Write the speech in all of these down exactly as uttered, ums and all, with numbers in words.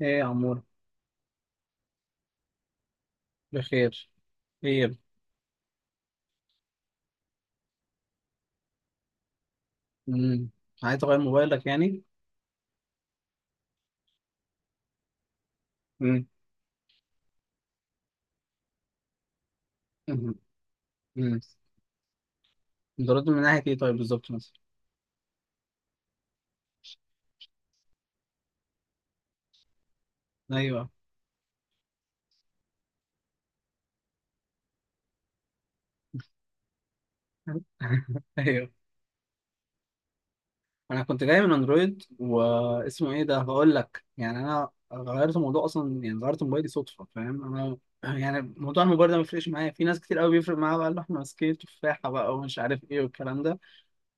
ايه يا عمور. بخير، خير. امم عايز تغير موبايلك يعني. امم امم أمم. بترد من ناحية ايه طيب بالظبط مثلا؟ ايوه ايوه، انا كنت جاي من اندرويد واسمه ايه ده، هقول لك يعني انا غيرت الموضوع اصلا، يعني غيرت موبايلي صدفة فاهم انا. يعني موضوع الموبايل ده ما بيفرقش معايا، في ناس كتير قوي بيفرق معايا بقى اللي احنا ماسكين تفاحة بقى ومش عارف ايه والكلام ده.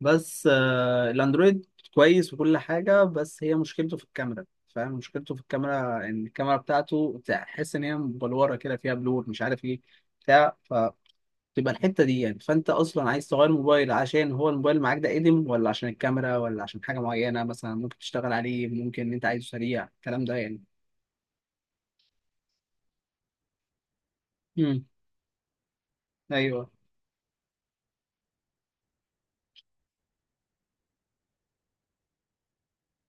بس آه، الاندرويد كويس وكل حاجه، بس هي مشكلته في الكاميرا. فاهم مشكلته في الكاميرا ان الكاميرا بتاعته تحس ان هي مبلوره كده، فيها بلور مش عارف ايه بتاع، فتبقى الحته دي يعني. فانت اصلا عايز تغير موبايل عشان هو الموبايل معاك ده قديم، ولا عشان الكاميرا، ولا عشان حاجه معينه مثلا ممكن تشتغل عليه، ممكن ان انت عايزه سريع، الكلام ده يعني. امم ايوه،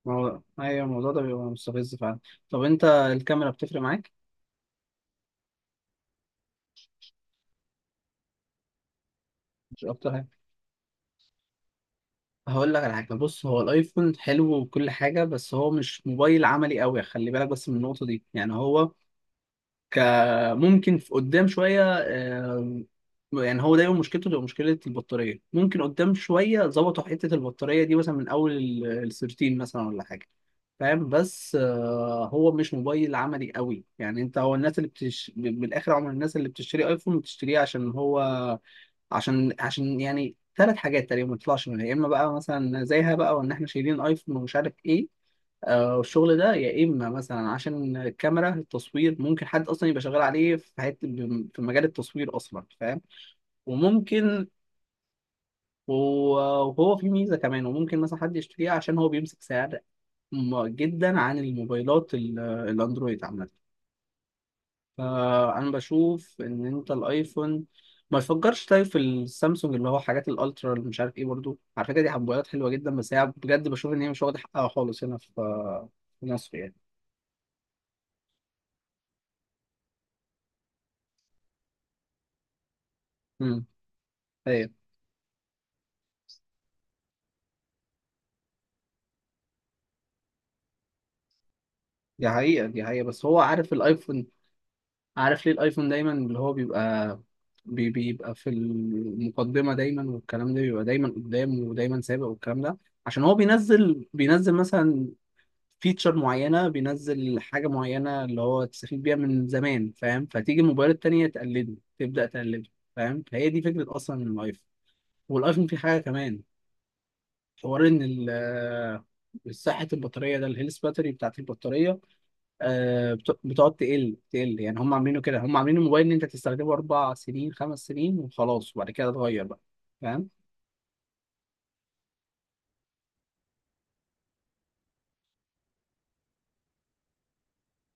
ما هو ايوه الموضوع ده بيبقى مستفز فعلا. طب انت الكاميرا بتفرق معاك؟ مش اكتر. هقول لك على حاجه، بص هو الايفون حلو وكل حاجه، بس هو مش موبايل عملي قوي. خلي بالك بس من النقطه دي، يعني هو ك ممكن في قدام شويه، آه، يعني هو دايما مشكلته تبقى مشكله البطاريه. ممكن قدام شويه ظبطوا حته البطاريه دي، مثلا من اول ال ال ثلاثة عشر مثلا ولا حاجه، فاهم؟ بس آه، هو مش موبايل عملي قوي يعني. انت هو الناس اللي بتش... بالاخر عمر الناس اللي بتشتري ايفون بتشتريه عشان هو عشان عشان يعني ثلاث حاجات تقريبا ما تطلعش منها. يا اما بقى مثلا زيها بقى، وان احنا شايلين ايفون ومش عارف ايه آه والشغل ده، يا اما مثلا عشان الكاميرا، التصوير ممكن حد اصلا يبقى شغال عليه في حته، في مجال التصوير اصلا فاهم. وممكن وهو في ميزه كمان، وممكن مثلا حد يشتريه عشان هو بيمسك سعر م- جدا عن الموبايلات ال- الاندرويد عامه. فانا بشوف ان انت الايفون ما يفكرش. طيب في السامسونج اللي هو حاجات الالترا اللي مش عارف ايه، برضو على فكره دي حبويات حلوه جدا، بس هي بجد بشوف ان هي مش واخده حقها خالص هنا في في مصر يعني. امم ايوه، دي حقيقه دي حقيقه. بس هو عارف الايفون، عارف ليه الايفون دايما اللي هو بيبقى بي- بيبقى في المقدمه دايما، والكلام ده بيبقى دايما قدام ودايما سابق والكلام ده؟ عشان هو بينزل بينزل مثلا فيتشر معينه، بينزل حاجه معينه اللي هو تستفيد بيها من زمان فاهم. فتيجي الموبايلات التانيه تقلده، تبدا تقلده فاهم. فهي دي فكره اصلا الايفون. والايفون فيه حاجه كمان، حوار ان ال- آه، صحة البطارية ده، الهيلث باتري بتاعت البطارية آه، بت- بتقعد تقل تقل يعني. هم عاملينه كده، هم عاملين الموبايل ان انت تستخدمه اربع سنين خمس سنين وخلاص، وبعد كده اتغير بقى فاهم؟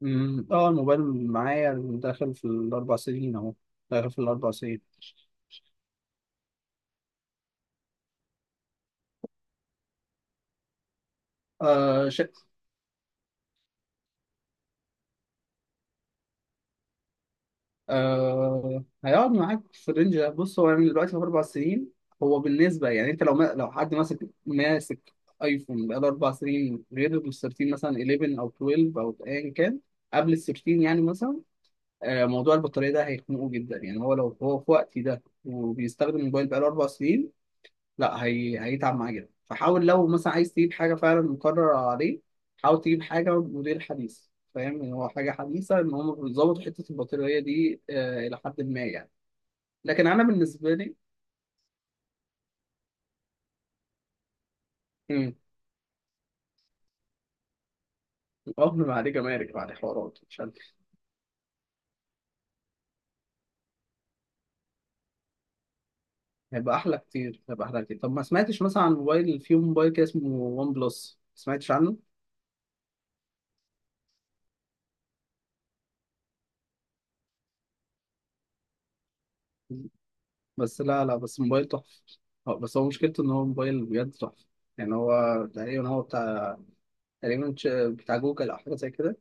أمم، اه الموبايل معايا داخل في الاربع سنين اهو، داخل في الاربع سنين. آه ش... آه هيقعد معاك في الرينج ده. بص هو يعني دلوقتي في اربع سنين، هو بالنسبه يعني انت لو ما لو حد ماسك ماسك ايفون بقاله اربع سنين، غير ال ثلاثة عشر مثلا، حداشر او اثنا عشر او ايا كان قبل ال ثلاثة عشر يعني مثلا. آه موضوع البطاريه ده هيخنقه جدا يعني. هو لو هو في وقتي ده وبيستخدم الموبايل بقاله اربع سنين، لا هي... هيتعب معاه جدا. فحاول لو مثلا عايز تجيب حاجة فعلا مقرر عليه، حاول تجيب حاجة موديل حديث فاهم، إن هو حاجة حديثة إن هم بيظبطوا حتة البطارية دي آه إلى حد ما يعني. لكن أنا بالنسبة لي امم ما عليه جمارك بعد حوارات مش عارف. هيبقى أحلى كتير، هيبقى أحلى كتير. طب ما سمعتش مثلا عن موبايل، في موبايل كده اسمه ون بلس، ما سمعتش عنه؟ بس لا لا بس موبايل تحفة. هو- بس هو مشكلته إن هو موبايل بجد تحفة. يعني هو تقريبا هو بتاع، تقريبا تش- بتاع جوجل أو حاجة زي كده،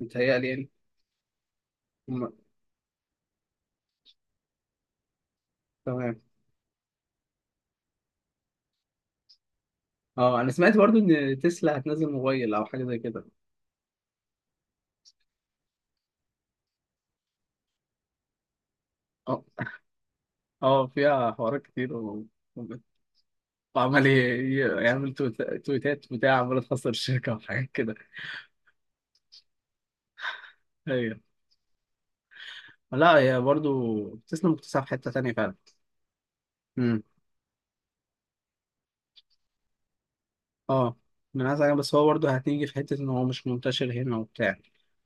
متهيألي يعني. م- تمام. اه انا سمعت برضو ان تسلا هتنزل موبايل او حاجه زي كده. اه اه فيها حوارات كتير و... و- وعمال ي- ي- يعمل تويت- تويتات بتاع، عمال تخسر الشركه وحاجات كده. ايوه لا، هي برضو تسلا مكتسحه في حته تانيه. فعلا. اه. من عايز حاجة، بس هو برضه هتيجي في حتة إن هو مش منتشر هنا وبتاع.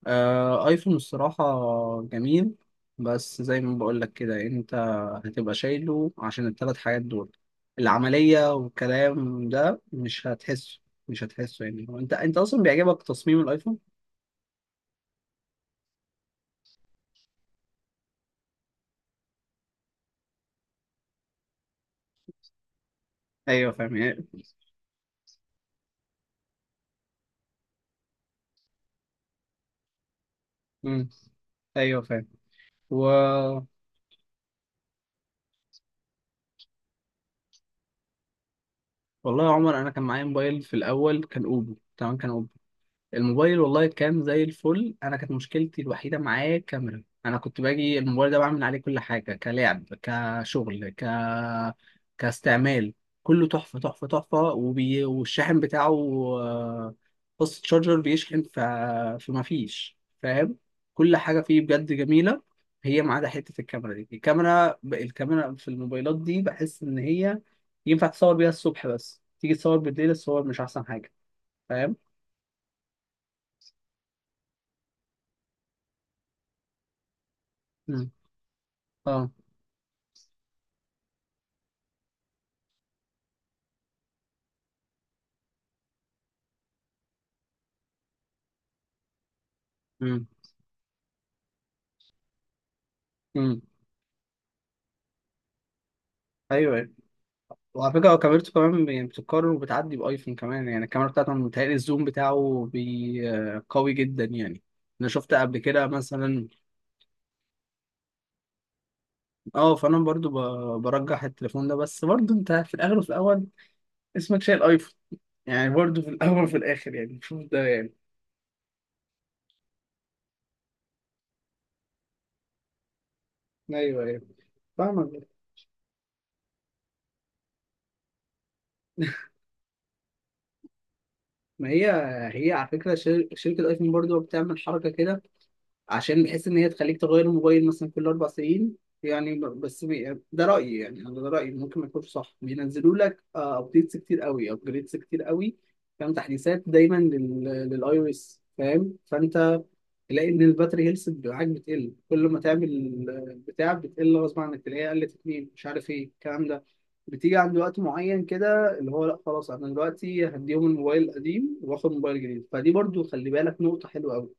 آه أيفون الصراحة جميل. بس زي ما بقولك كده، أنت هتبقى شايله عشان التلات حاجات دول، العملية والكلام ده مش هتحسه، مش هتحسه يعني. هو أنت أنت أصلا بيعجبك تصميم الأيفون؟ أيوه فاهم يعني. مم، أيوه فاهم. و... والله يا عمر أنا كان معايا موبايل في الأول كان أوبو، تمام؟ كان الموبايل والله كان زي الفل. انا كانت مشكلتي الوحيده معاه كاميرا. انا كنت باجي الموبايل ده بعمل عليه كل حاجه، كلعب كشغل ك كاستعمال، كله تحفه تحفه تحفه. وبي... والشاحن بتاعه آه، قصه شارجر بيشحن ف... فما فيش فاهم. كل حاجه فيه بجد جميله. هي ما عدا حته الكاميرا دي. الكاميرا، الكاميرا في الموبايلات دي بحس ان هي ينفع تصور بيها الصبح، بس تيجي تصور بالليل الصور مش احسن حاجه فاهم. مم. اه. امم امم ايوه ايوه. وعلى فكره هو كاميرته كمان يعني بتتكرر وبتعدي بايفون كمان يعني. الكاميرا بتاعته أنا متهيألي الزوم بتاعه بي... آه، قوي جدا يعني، انا شفت قبل كده مثلا. اه. فانا برضو ب... برجح التليفون ده. بس برضو انت في الاخر وفي الاول اسمك شايل ايفون، يعني برضو في الاول وفي الاخر، يعني شوف ده يعني. ايوه ايوه فاهمك. ما هي، هي على فكره شر... شركه ايفون برضو بتعمل حركه كده، عشان بحيث ان هي تخليك تغير الموبايل مثلا كل اربع سنين. يعني ب- بس بي- ده رايي يعني، انا ده رايي ممكن ما يكونش صح. بينزلوا لك ابديتس كتير قوي، ابجريدز كتير قوي فاهم، تحديثات دايما للاي او اس فاهم. فانت تلاقي ان الباتري هيلث معاك بتقل، كل ما تعمل آه، بتاع بتقل غصب عنك، تلاقيها قلت اتنين مش عارف ايه الكلام ده. بتيجي عند وقت معين كده اللي هو، لا خلاص انا دلوقتي هديهم الموبايل القديم واخد موبايل جديد. فدي برضو خلي بالك نقطة حلوة قوي.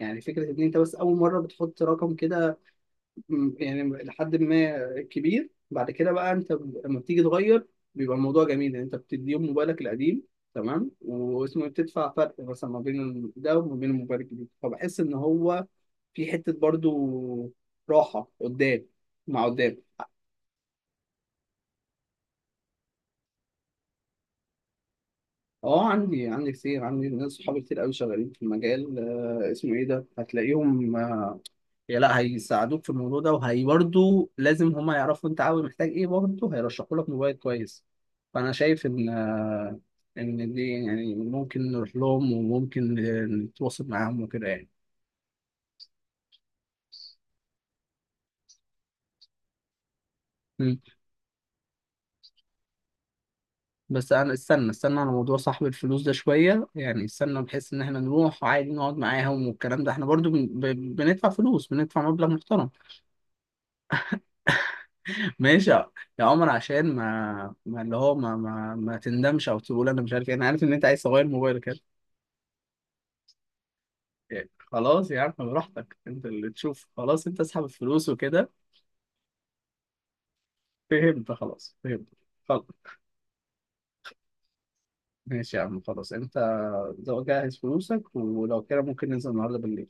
يعني فكرة إن أنت بس أول مرة بتحط رقم كده، م- يعني لحد ما كبير بعد كده بقى، أنت ب- لما بتيجي تغير بيبقى الموضوع جميل. يعني أنت بتديهم موبايلك القديم، تمام؟ واسمه إيه، بتدفع فرق مثلا ما بين ال- ده وما بين الموبايل الجديد. فبحس إن هو في حتة برضو راحة قدام، مع قدام. اه عندي عندي كتير، عندي ناس صحابي كتير قوي شغالين في المجال آه اسمه ايه ده. هتلاقيهم آه، يا لا هيساعدوك في الموضوع ده، وهي برضه لازم هما يعرفوا انت عاوز محتاج ايه، برضه هيرشحوا لك موبايل كويس. فانا شايف ان آه، ان دي يعني ممكن نروح لهم، وممكن آه، نتواصل معاهم وكده يعني. مم. بس انا استنى استنى على موضوع صاحب الفلوس ده شويه يعني، استنى بحيث ان احنا نروح وعادي نقعد معاهم والكلام ده، احنا برضو بن- ب- بندفع فلوس، بندفع مبلغ محترم. ماشي يا يا عمر، عشان ما, ما اللي هو ما, ما, ما تندمش او تقول انا مش عارف إيه. انا عارف ان انت عايز تغير موبايلك. يعني خلاص يا عم براحتك، انت اللي تشوف. خلاص انت اسحب الفلوس وكده. فهمت خلاص فهمت. خلاص ماشي يا عم. خلاص انت جهز فلوسك، ولو كده ممكن ننزل النهارده بالليل.